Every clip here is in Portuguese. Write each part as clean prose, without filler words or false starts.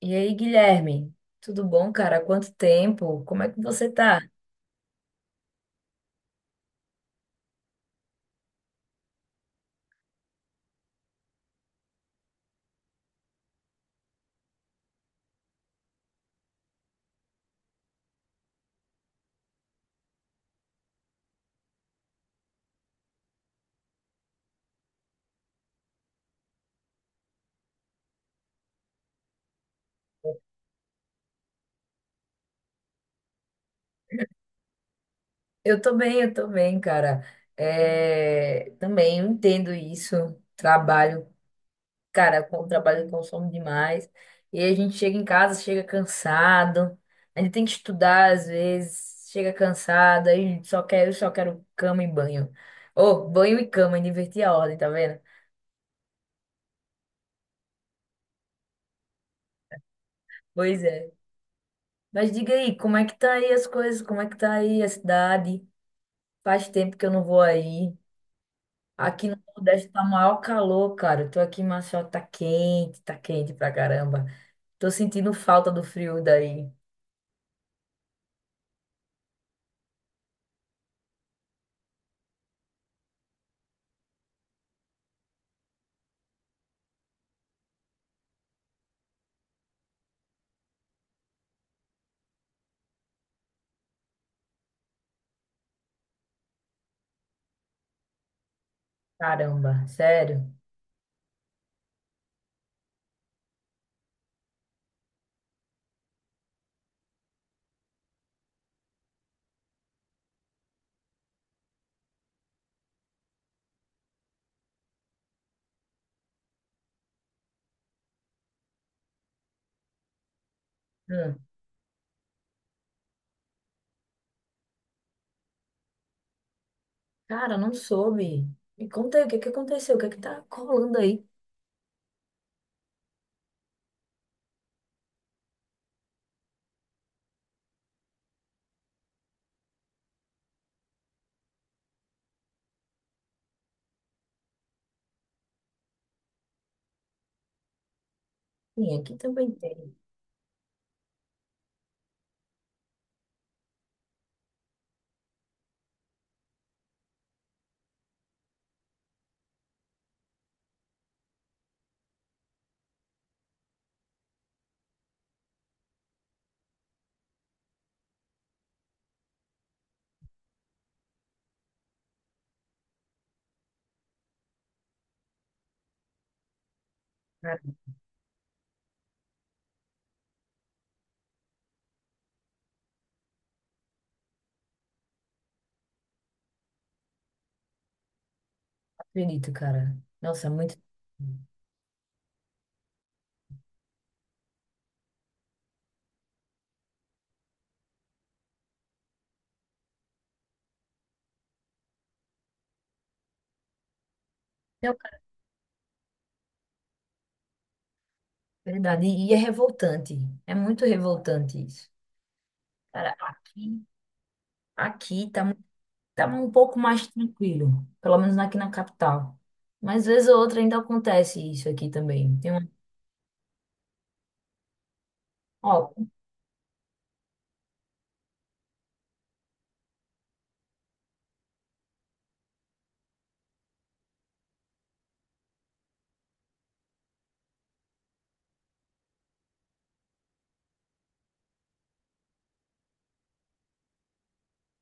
E aí, Guilherme? Tudo bom, cara? Há quanto tempo? Como é que você tá? Eu tô bem, cara. É, também eu entendo isso. Trabalho, cara, com o trabalho consome demais. E aí a gente chega em casa, chega cansado. A gente tem que estudar às vezes, chega cansado, aí só quero cama e banho. Ô, banho e cama, inverti a ordem, tá vendo? Pois é. Mas diga aí, como é que tá aí as coisas? Como é que tá aí a cidade? Faz tempo que eu não vou aí. Aqui no Nordeste tá maior calor, cara. Eu tô aqui em Maceió, tá quente pra caramba. Tô sentindo falta do frio daí. Caramba, sério. Hum. Cara, não soube. Me conta aí o que que aconteceu, o que que tá colando aí? Sim, aqui também tem. Cara, não acredito, cara. Nossa, é muito. É verdade, e é revoltante. É muito revoltante isso. Cara, aqui, aqui tá. tava um pouco mais tranquilo, pelo menos aqui na capital. Mas vez ou outra ainda acontece isso aqui também. Tem uma... Ó,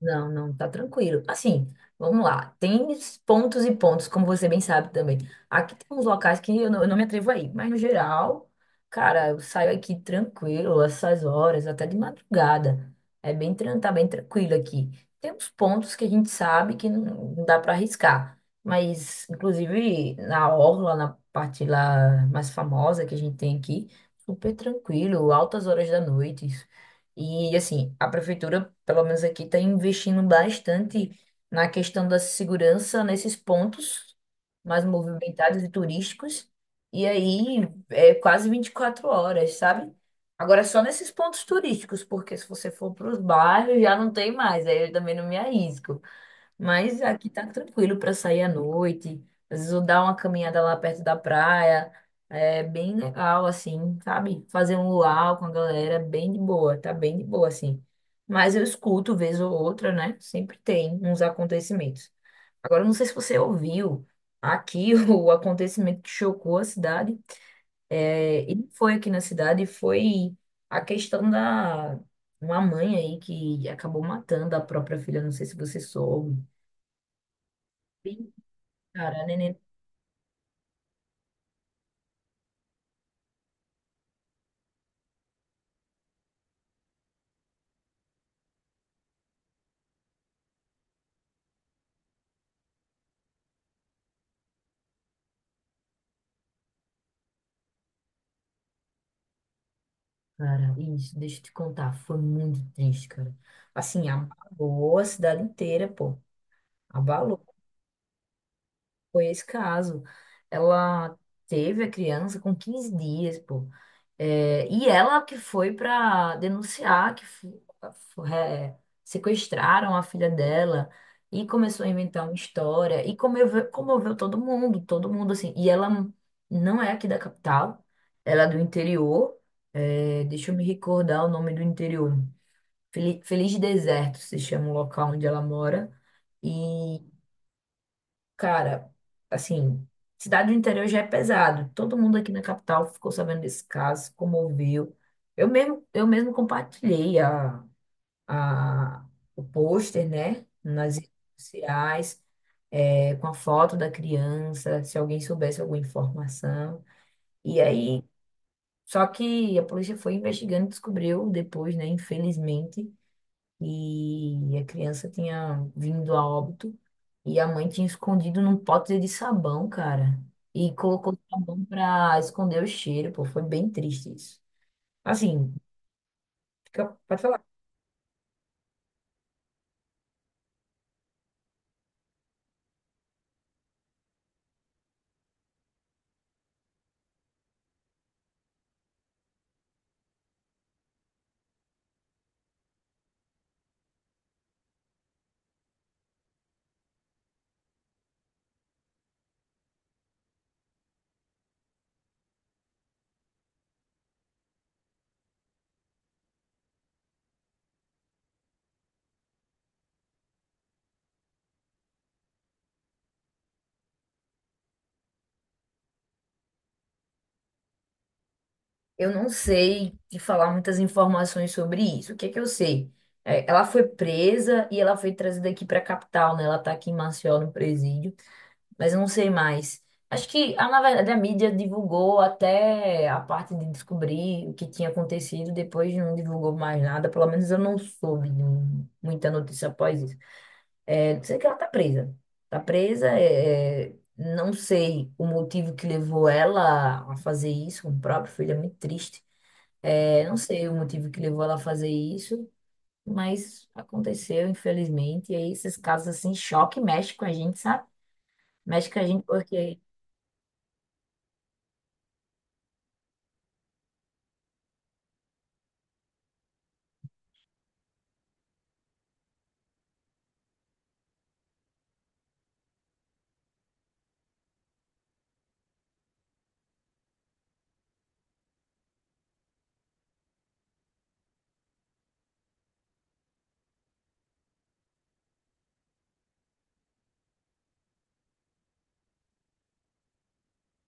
não, não, tá tranquilo. Assim, vamos lá. Tem pontos e pontos, como você bem sabe também. Aqui tem uns locais que eu não me atrevo a ir, mas no geral, cara, eu saio aqui tranquilo, essas horas, até de madrugada. É bem, tá bem tranquilo aqui. Tem uns pontos que a gente sabe que não dá para arriscar, mas inclusive na orla, na parte lá mais famosa que a gente tem aqui, super tranquilo, altas horas da noite, e assim, a prefeitura, pelo menos aqui, está investindo bastante na questão da segurança nesses pontos mais movimentados e turísticos. E aí é quase 24 horas, sabe? Agora só nesses pontos turísticos, porque se você for para os bairros já não tem mais, aí eu também não me arrisco. Mas aqui tá tranquilo para sair à noite. Às vezes eu dar uma caminhada lá perto da praia. É bem legal, assim, sabe? Fazer um luau com a galera, bem de boa, tá bem de boa, assim. Mas eu escuto vez ou outra, né? Sempre tem uns acontecimentos. Agora, eu não sei se você ouviu aqui o acontecimento que chocou a cidade. É, e não foi aqui na cidade, foi a questão da uma mãe aí que acabou matando a própria filha. Não sei se você soube. Cara, neném, cara, isso, deixa eu te contar, foi muito triste, cara. Assim, abalou a cidade inteira, pô. Abalou. Foi esse caso. Ela teve a criança com 15 dias, pô. É, e ela que foi para denunciar que fu- é, sequestraram a filha dela e começou a inventar uma história e comoveu todo mundo assim. E ela não é aqui da capital, ela é do interior. É, deixa eu me recordar o nome do interior. Feliz, Feliz Deserto se chama o local onde ela mora. Cara, assim, cidade do interior já é pesado. Todo mundo aqui na capital ficou sabendo desse caso, se comoveu. Eu mesmo compartilhei a, o pôster, né, nas redes sociais, é, com a foto da criança, se alguém soubesse alguma informação. E aí, só que a polícia foi investigando e descobriu depois, né, infelizmente, e a criança tinha vindo a óbito e a mãe tinha escondido num pote de sabão, cara. E colocou sabão pra esconder o cheiro, pô. Foi bem triste isso. Assim, fica- pode falar. Eu não sei te falar muitas informações sobre isso. O que é que eu sei? É, ela foi presa e ela foi trazida aqui pra capital, né? Ela tá aqui em Maceió, no presídio. Mas eu não sei mais. Acho que, ah, na verdade, a mídia divulgou até a parte de descobrir o que tinha acontecido, depois não divulgou mais nada, pelo menos eu não soube de um, muita notícia após isso. É, sei que ela tá presa. Tá presa, é, é, não sei o motivo que levou ela a fazer isso com o próprio filho, é muito triste. É, não sei o motivo que levou ela a fazer isso, mas aconteceu, infelizmente. E aí esses casos assim, choque mexe com a gente, sabe? Mexe com a gente porque...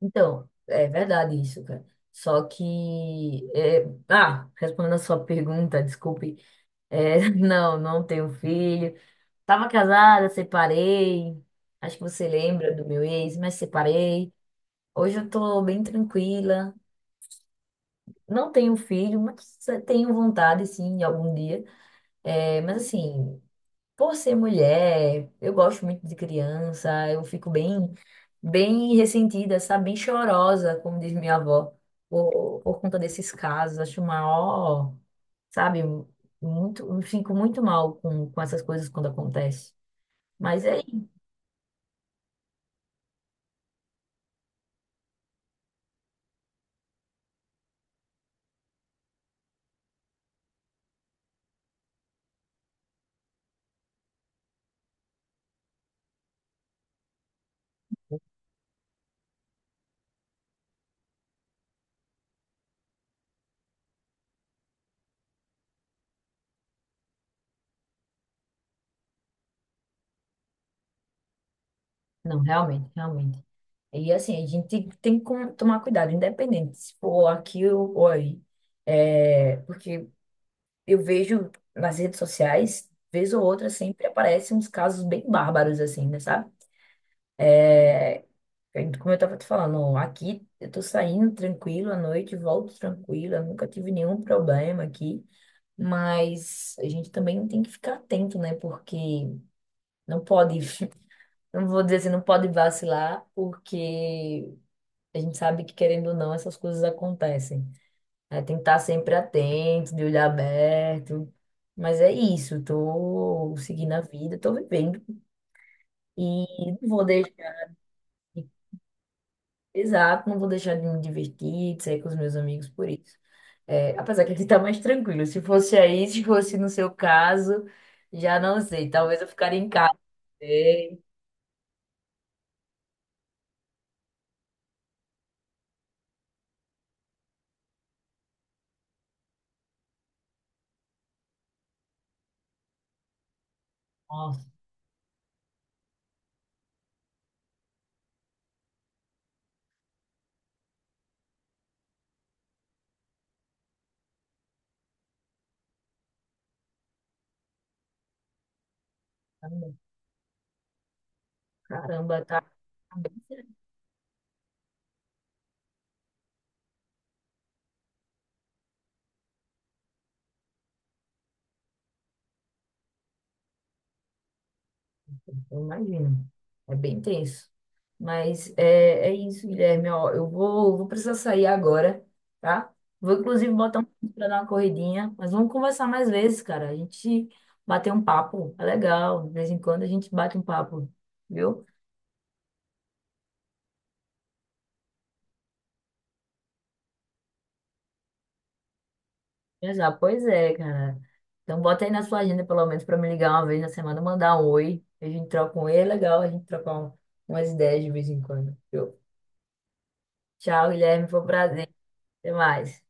Então, é verdade isso, cara. Só que, é, ah, respondendo a sua pergunta, desculpe, é, não, não tenho filho. Tava casada, separei. Acho que você lembra do meu ex, mas separei. Hoje eu tô bem tranquila. Não tenho filho, mas tenho vontade, sim, de algum dia. É, mas assim, por ser mulher, eu gosto muito de criança, eu fico bem, bem ressentida, sabe? Bem chorosa, como diz minha avó, por conta desses casos. Acho maior, sabe? Muito, eu fico muito mal com essas coisas quando acontece. Mas é isso. Não, realmente, realmente. E assim, a gente tem que tomar cuidado, independente se for aqui ou aí. É, porque eu vejo nas redes sociais, vez ou outra, sempre aparecem uns casos bem bárbaros, assim, né, sabe? Como eu tava te falando, aqui eu tô saindo tranquilo à noite, volto tranquila, nunca tive nenhum problema aqui, mas a gente também tem que ficar atento, né? Porque não pode, não vou dizer assim, não pode vacilar, porque a gente sabe que, querendo ou não, essas coisas acontecem. É, tem que estar sempre atento, de olho aberto. Mas é isso, tô seguindo a vida, tô vivendo. E não vou deixar, exato, não vou deixar de me divertir, de sair com os meus amigos por isso. É, apesar que aqui tá mais tranquilo. Se fosse aí, se fosse no seu caso, já não sei. Talvez eu ficaria em casa. Ei, nossa, caramba, tá. Eu imagino. É bem tenso. Mas é, é isso, Guilherme. Ó, eu vou precisar sair agora, tá? Vou, inclusive, botar um para dar uma corridinha. Mas vamos conversar mais vezes, cara. A gente bater um papo. É legal. De vez em quando a gente bate um papo, viu? Já, pois é, cara. Então, bota aí na sua agenda, pelo menos, para me ligar 1 vez na semana, mandar um oi. A gente troca um oi. É legal a gente trocar um- umas ideias de vez em quando, viu? Tchau, Guilherme. Foi um prazer. Até mais.